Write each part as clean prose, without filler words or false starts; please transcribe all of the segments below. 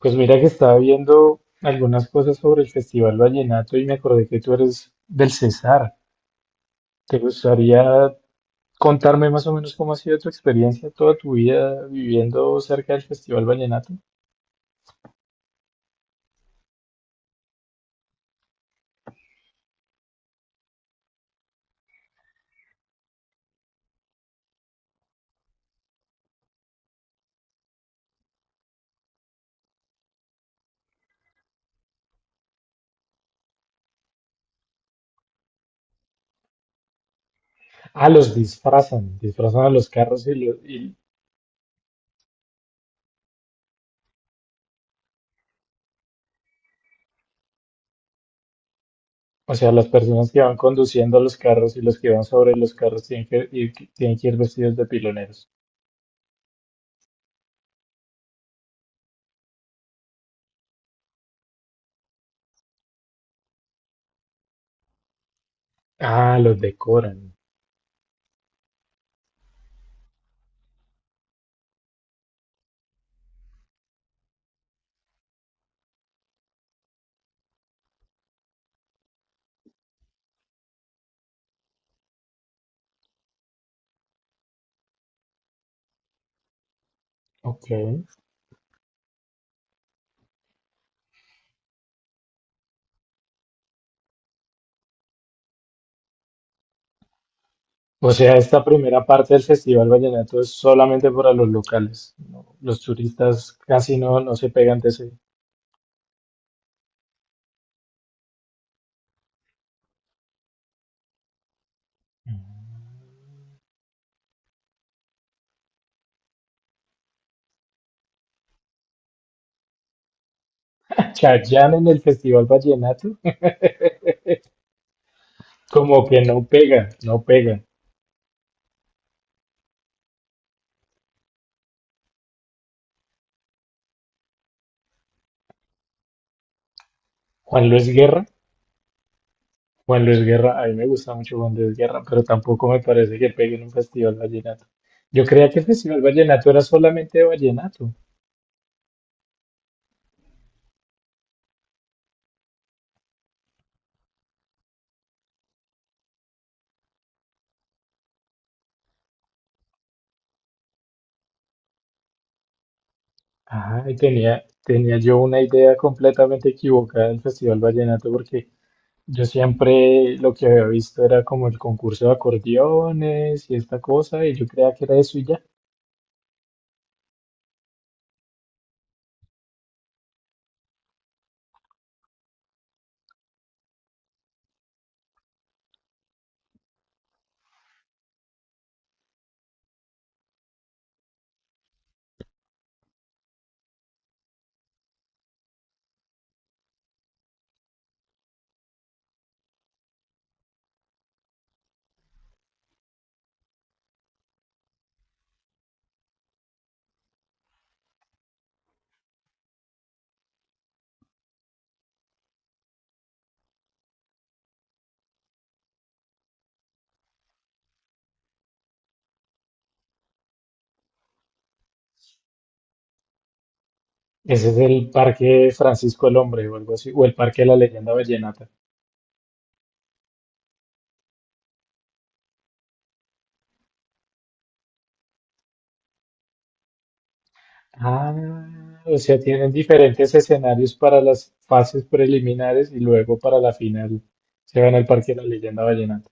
Pues mira que estaba viendo algunas cosas sobre el Festival Vallenato y me acordé que tú eres del Cesar. ¿Te gustaría contarme más o menos cómo ha sido tu experiencia toda tu vida viviendo cerca del Festival Vallenato? Ah, los disfrazan, disfrazan a los carros o sea, las personas que van conduciendo los carros y los que van sobre los carros tienen que ir vestidos de piloneros. Ah, los decoran. Ok. O sea, esta primera parte del Festival Vallenato es solamente para los locales, ¿no? Los turistas casi no, no se pegan de ese. Chayanne en el Festival Vallenato, como que no pega, no pega. Juan Luis Guerra. Juan Luis Guerra, a mí me gusta mucho Juan Luis Guerra, pero tampoco me parece que pegue en un Festival Vallenato. Yo creía que el Festival Vallenato era solamente de vallenato. Ah, tenía yo una idea completamente equivocada del Festival Vallenato porque yo siempre lo que había visto era como el concurso de acordeones y esta cosa, y yo creía que era eso y ya. Ese es el Parque Francisco el Hombre o algo así, o el Parque de la Leyenda Vallenata. Ah, o sea, tienen diferentes escenarios para las fases preliminares y luego para la final se van al Parque de la Leyenda Vallenata.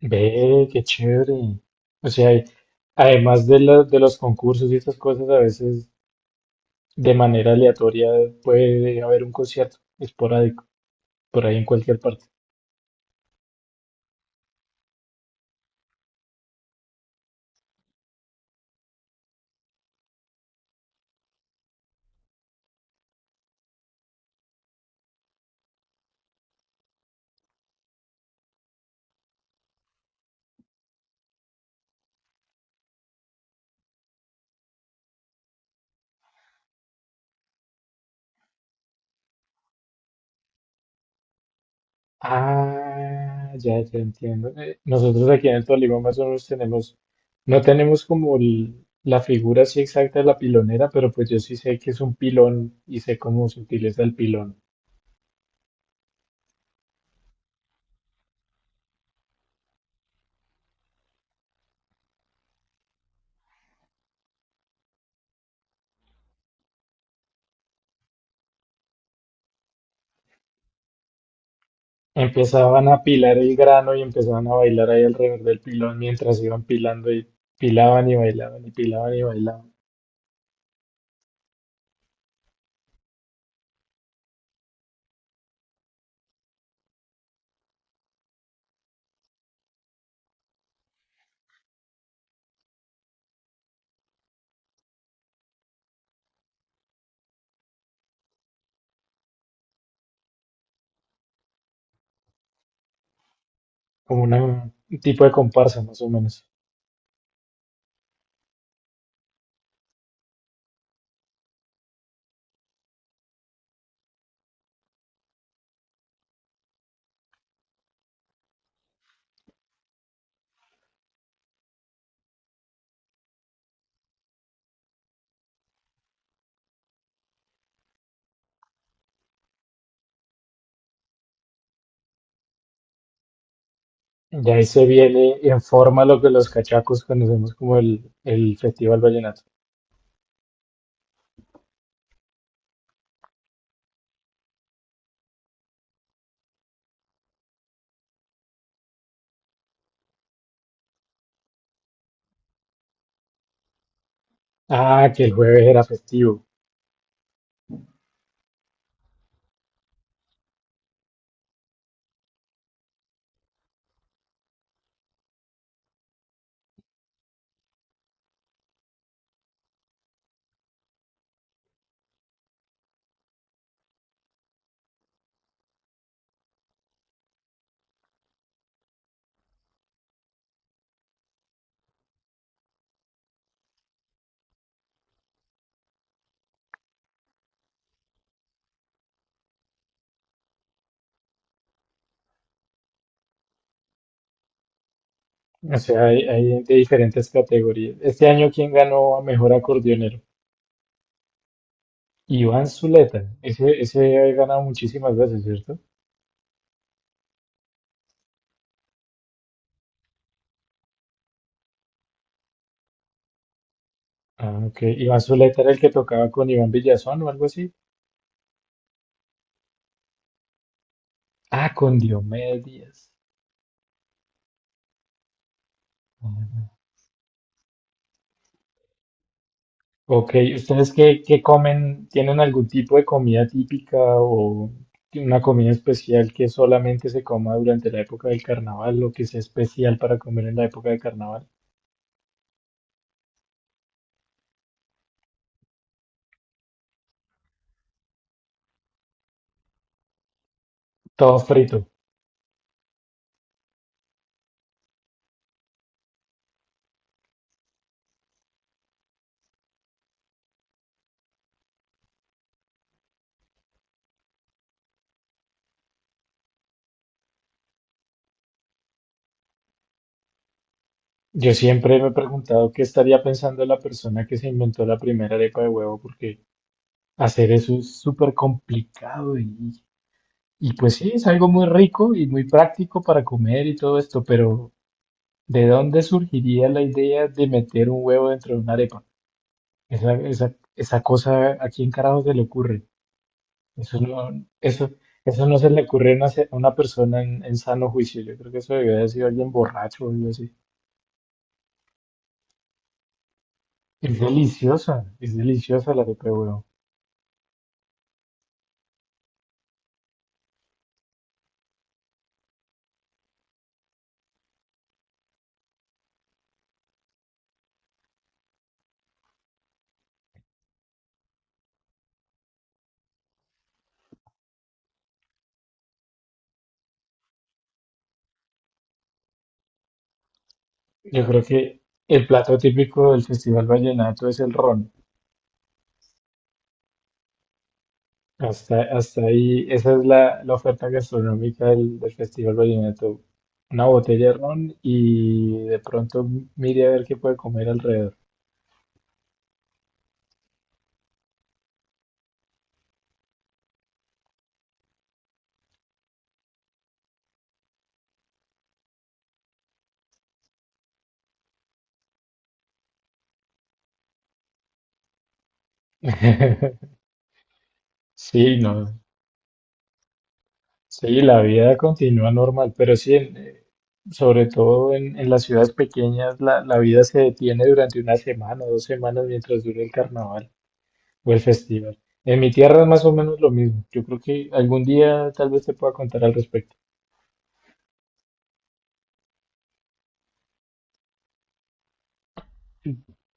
Ve, qué chévere. O sea, y de los concursos y estas cosas, a veces de manera aleatoria puede haber un concierto esporádico por ahí en cualquier parte. Ah, ya, ya entiendo. Nosotros aquí en el Tolima más o menos no tenemos como la figura así exacta de la pilonera, pero pues yo sí sé que es un pilón y sé cómo se utiliza el pilón. Empezaban a pilar el grano y empezaban a bailar ahí alrededor del pilón mientras iban pilando y pilaban y bailaban y pilaban y bailaban, como un tipo de comparsa más o menos. Y ahí se viene en forma lo que los cachacos conocemos como el Festival Vallenato. Ah, que el jueves era festivo. O sea, hay de diferentes categorías. Este año, ¿quién ganó a mejor acordeonero? Iván Zuleta. Ese ha ganado muchísimas veces, ¿cierto? Ah, ok. Iván Zuleta era el que tocaba con Iván Villazón o algo así. Ah, con Diomedes Díaz. Ah, ok, ustedes qué comen. ¿Tienen algún tipo de comida típica o una comida especial que solamente se coma durante la época del carnaval o que sea especial para comer en la época del carnaval? Todo frito. Yo siempre me he preguntado qué estaría pensando la persona que se inventó la primera arepa de huevo, porque hacer eso es súper complicado y pues sí, es algo muy rico y muy práctico para comer y todo esto, pero ¿de dónde surgiría la idea de meter un huevo dentro de una arepa? Esa cosa, ¿a quién carajo se le ocurre? Eso no, eso, eso no se le ocurre a una, a una persona en sano juicio. Yo creo que eso debió haber sido alguien borracho o algo así. Es deliciosa la arepa de huevo. Yo creo que el plato típico del Festival Vallenato es el ron. Hasta ahí, esa es la oferta gastronómica del Festival Vallenato. Una botella de ron y de pronto mire a ver qué puede comer alrededor. Sí, no. Sí, la vida continúa normal, pero sí, sobre todo en las ciudades pequeñas, la vida se detiene durante una semana o dos semanas mientras dure el carnaval o el festival. En mi tierra es más o menos lo mismo. Yo creo que algún día tal vez te pueda contar al respecto.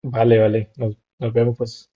Vale, vale. Nos vemos pues.